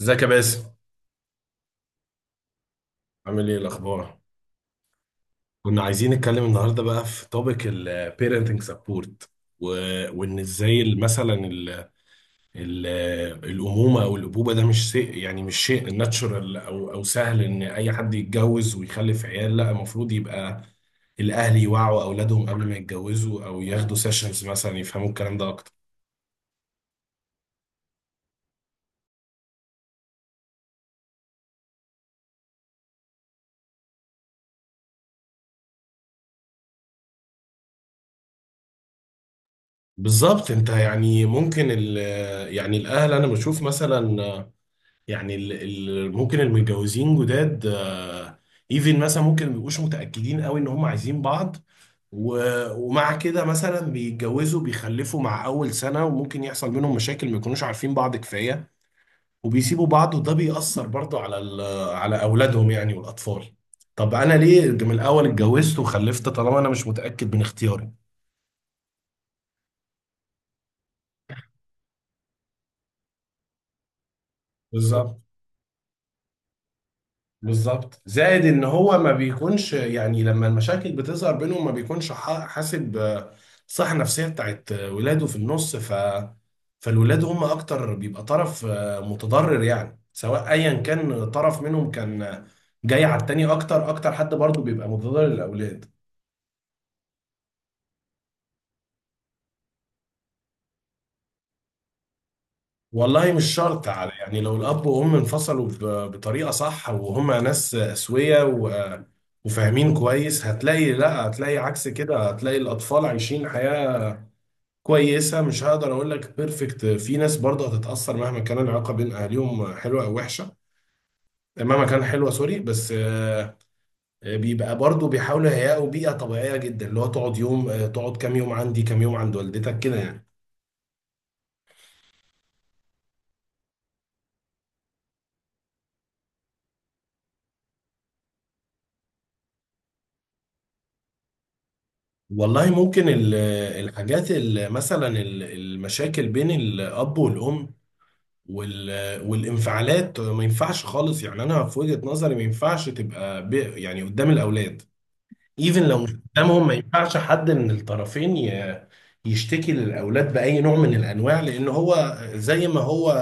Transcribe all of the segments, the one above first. ازيك يا باسم؟ عامل ايه الاخبار؟ كنا عايزين نتكلم النهارده بقى في توبيك البيرنتنج سبورت، وان ازاي مثلا ال الامومه او الابوبه ده مش شيء، يعني مش شيء ناتشورال او سهل ان اي حد يتجوز ويخلف عيال. لا، المفروض يبقى الاهل يوعوا اولادهم قبل ما يتجوزوا، او ياخدوا سيشنز مثلا يفهموا الكلام ده اكتر. بالظبط، انت يعني ممكن يعني الاهل، انا بشوف مثلا يعني ممكن المتجوزين جداد ايفن، مثلا ممكن ما بيبقوش متأكدين قوي ان هم عايزين بعض، و- ومع كده مثلا بيتجوزوا بيخلفوا مع اول سنة، وممكن يحصل بينهم مشاكل ما يكونوش عارفين بعض كفاية، وبيسيبوا بعض. وده بيأثر برضه على على اولادهم يعني والاطفال. طب انا ليه من الاول اتجوزت وخلفت طالما انا مش متأكد من اختياري؟ بالظبط. بالظبط، زائد ان هو ما بيكونش، يعني لما المشاكل بتظهر بينهم ما بيكونش حاسب، الصحة النفسية بتاعت ولاده في النص. فالولاد هم اكتر بيبقى طرف متضرر يعني، سواء ايا كان طرف منهم كان جاي على التاني اكتر، اكتر حد برضه بيبقى متضرر للاولاد. والله مش شرط، على يعني لو الاب وام انفصلوا بطريقة صح وهما ناس اسوية وفاهمين كويس، هتلاقي لا، هتلاقي عكس كده، هتلاقي الاطفال عايشين حياة كويسه، مش هقدر اقول لك بيرفكت. في ناس برضه هتتاثر مهما كان العلاقه بين اهاليهم حلوه او وحشه. مهما كان حلوه، سوري، بس بيبقى برضه بيحاولوا يهيئوا بيئه طبيعيه جدا، اللي هو تقعد يوم تقعد كام يوم عندي كام يوم عند والدتك كده يعني. والله ممكن الحاجات مثلا المشاكل بين الاب والام والانفعالات ما ينفعش خالص يعني. انا في وجهة نظري ما ينفعش تبقى يعني قدام الاولاد، ايفن لو مش قدامهم. ما ينفعش حد من الطرفين يشتكي للاولاد باي نوع من الانواع، لان هو زي ما هو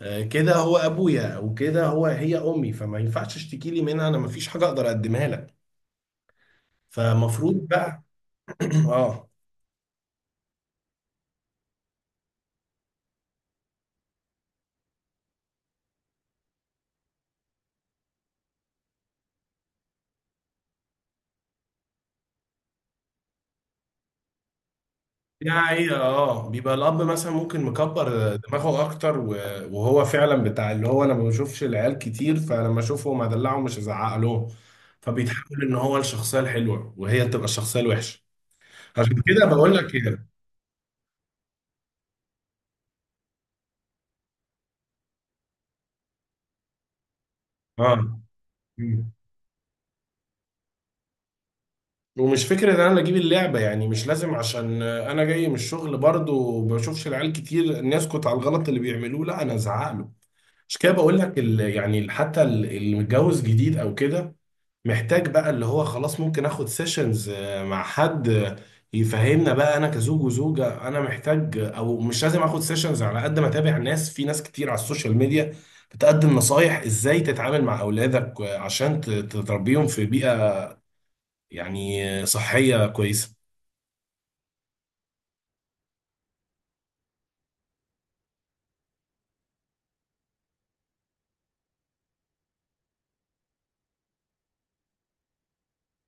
كده هو ابويا، او كده هو هي امي، فما ينفعش اشتكي لي منها انا، ما فيش حاجه اقدر اقدمها لك. فمفروض بقى. اه، دي حقيقة. اه بيبقى الأب مثلا ممكن مكبر دماغه أكتر، وهو فعلا بتاع اللي هو أنا ما بشوفش العيال كتير، فلما أشوفهم أدلعهم، مش هزعق لهم. فبيتحول إن هو الشخصية الحلوة وهي تبقى الشخصية الوحشة. عشان كده بقول لك كده. اه. مم. ومش فكرة ان انا اجيب اللعبة يعني مش لازم، عشان انا جاي من الشغل برضو بشوفش العيال كتير، ان يسكت على الغلط اللي بيعملوه، لا انا ازعق له. عشان كده بقول لك يعني حتى اللي متجوز جديد او كده محتاج بقى، اللي هو خلاص ممكن اخد سيشنز مع حد يفهمنا بقى انا كزوج وزوجة، انا محتاج او مش لازم اخد سيشنز. على قد ما اتابع ناس، في ناس كتير على السوشيال ميديا بتقدم نصايح ازاي تتعامل مع اولادك عشان تربيهم في بيئة يعني صحية كويسة.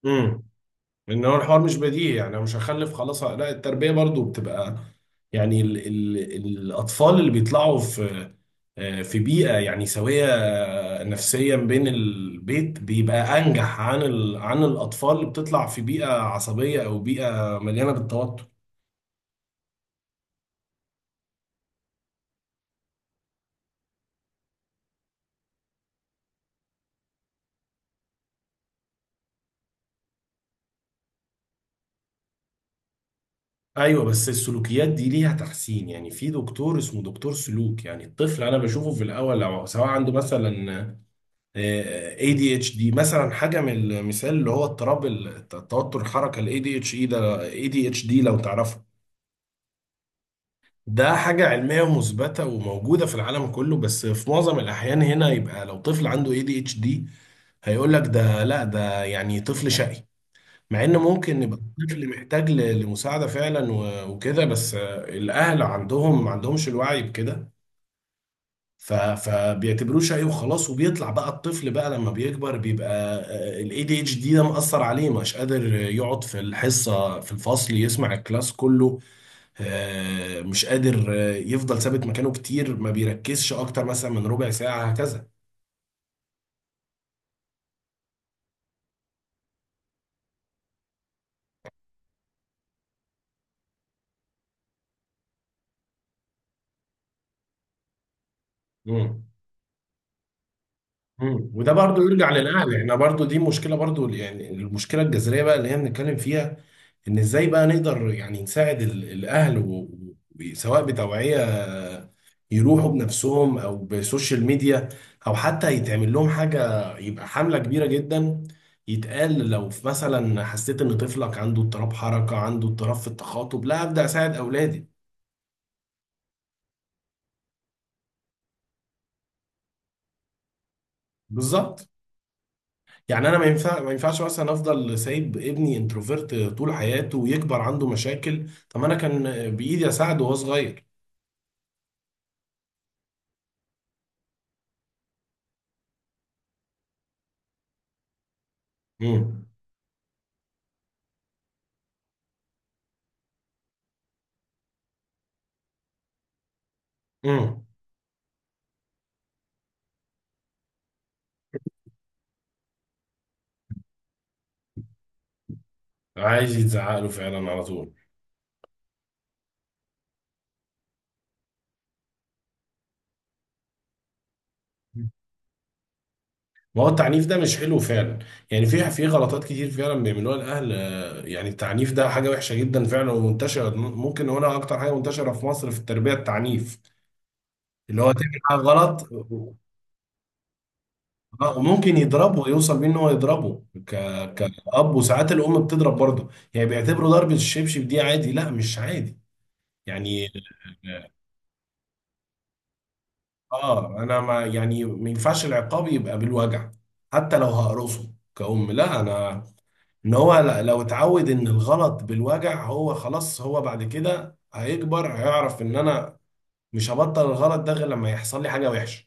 امم لان هو الحوار مش بديهي، يعني انا مش هخلف خلاص، لا التربيه برضو بتبقى يعني ال الاطفال اللي بيطلعوا في بيئه يعني سويه نفسيا بين البيت، بيبقى انجح عن ال عن الاطفال اللي بتطلع في بيئه عصبيه او بيئه مليانه بالتوتر. ايوه، بس السلوكيات دي ليها تحسين. يعني في دكتور اسمه دكتور سلوك، يعني الطفل انا بشوفه في الاول لو سواء عنده مثلا ADHD مثلا، حاجة من المثال اللي هو اضطراب التوتر الحركة ال ADHD ده، ADHD لو تعرفه. ده حاجة علمية مثبتة وموجودة في العالم كله، بس في معظم الأحيان هنا يبقى لو طفل عنده ADHD هيقول لك ده، لا ده يعني طفل شقي، مع ان ممكن يبقى الطفل محتاج لمساعدة فعلا وكده. بس الأهل عندهم ما عندهمش الوعي بكده. فبيعتبروه شقي وخلاص. وبيطلع بقى الطفل بقى لما بيكبر بيبقى الاي دي اتش دي ده مأثر عليه، مش قادر يقعد في الحصة في الفصل يسمع الكلاس كله مش قادر يفضل ثابت مكانه كتير، ما بيركزش اكتر مثلا من ربع ساعة هكذا. مم. مم. وده برضو يرجع للاهل، احنا برضو دي مشكله برضو يعني، المشكله الجذريه بقى اللي هي بنتكلم فيها، ان ازاي بقى نقدر يعني نساعد الاهل سواء بتوعيه يروحوا بنفسهم او بسوشيال ميديا، او حتى يتعمل لهم حاجه يبقى حمله كبيره جدا، يتقال لو في مثلا حسيت ان طفلك عنده اضطراب حركه، عنده اضطراب في التخاطب، لا ابدا اساعد اولادي. بالظبط. يعني انا ما ينفعش مثلا افضل سايب ابني انتروفيرت طول حياته ويكبر عنده مشاكل، طب انا كان بايدي اساعده وهو صغير. امم. امم. عايز يتزعق له فعلا على طول. ما هو التعنيف ده مش حلو فعلا. يعني في غلطات كتير فعلا بيعملوها الاهل، يعني التعنيف ده حاجه وحشه جدا فعلا ومنتشره، ممكن هنا اكتر حاجه منتشره في مصر في التربيه التعنيف، اللي هو تعمل حاجه غلط وممكن يضربه، يوصل بيه ان هو يضربه كأب. وساعات الأم بتضرب برضه، يعني بيعتبروا ضربة الشبشب دي عادي، لا مش عادي يعني. اه انا، ما يعني ما ينفعش العقاب يبقى بالوجع، حتى لو هقرصه كأم، لا انا، ان هو لو اتعود ان الغلط بالوجع، هو خلاص هو بعد كده هيكبر هيعرف ان انا مش هبطل الغلط ده غير لما يحصل لي حاجة وحشة.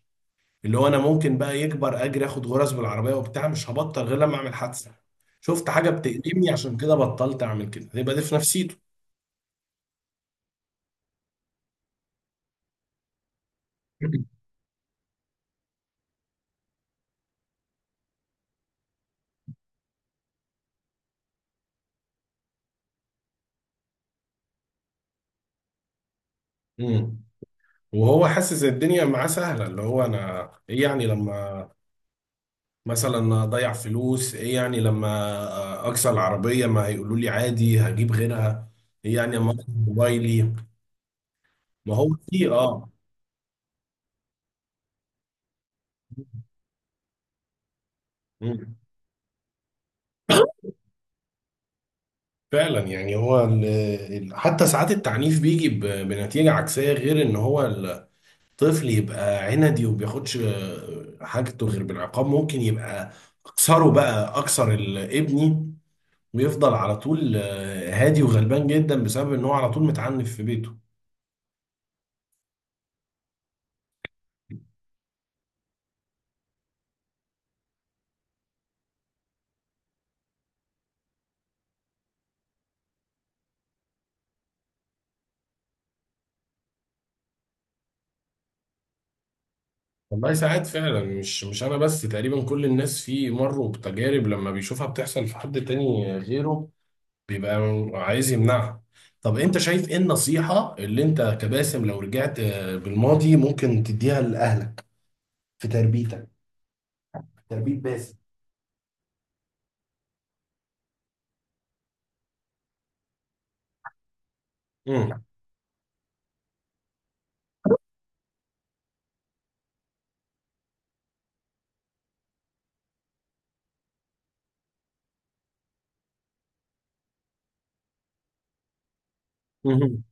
اللي هو انا ممكن بقى يكبر اجري اخد غرز بالعربيه وبتاع، مش هبطل غير لما اعمل حادثه. شفت حاجه بتألمني عشان كده بطلت اعمل كده، يبقى دي في نفسيته. امم. وهو حاسس إن الدنيا معاه سهله، اللي هو انا ايه يعني لما مثلا اضيع فلوس، ايه يعني لما اكسر العربيه ما هيقولوا لي عادي هجيب غيرها، ايه يعني لما اكسر موبايلي. ما هو في اه. مم. فعلا يعني هو حتى ساعات التعنيف بيجي بنتيجة عكسية، غير ان هو طفل يبقى عندي وما بياخدش حاجته غير بالعقاب، ممكن يبقى اكسره بقى، اكسر ابني، ويفضل على طول هادي وغلبان جدا بسبب ان هو على طول متعنف في بيته. والله ساعات فعلا، مش انا بس، تقريبا كل الناس في مروا بتجارب لما بيشوفها بتحصل في حد تاني غيره بيبقى عايز يمنعها. طب انت شايف ايه النصيحة اللي انت كباسم لو رجعت بالماضي ممكن تديها لأهلك في تربيتك، تربية باسم؟ مم.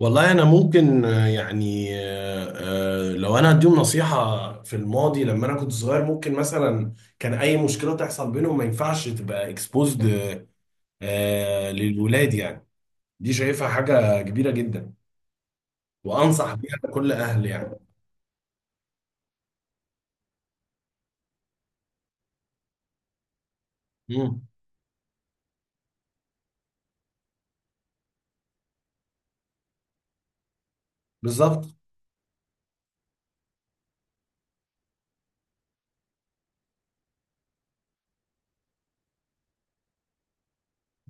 والله انا ممكن يعني لو انا هديهم نصيحه في الماضي لما انا كنت صغير، ممكن مثلا كان اي مشكله تحصل بينهم ما ينفعش تبقى اكسبوزد للولاد يعني. دي شايفها حاجه كبيره جدا وانصح بيها لكل اهل يعني. مم. بالظبط.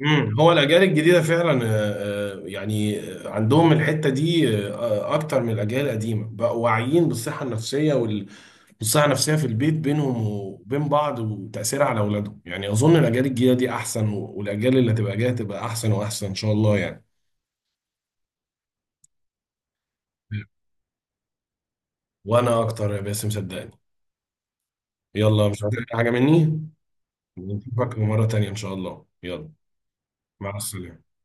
مم. هو الاجيال الجديده فعلا يعني عندهم الحته دي اكتر من الاجيال القديمه، بقوا واعيين بالصحه النفسيه والصحة النفسية في البيت بينهم وبين بعض وتأثيرها على أولادهم. يعني أظن الأجيال الجاية دي أحسن، والأجيال اللي هتبقى جاية تبقى أحسن وأحسن إن شاء الله يعني. وأنا أكتر يا باسم، صدقني. يلا مش هتعمل حاجة مني. نشوفك مرة تانية إن شاء الله. يلا، مع السلامة.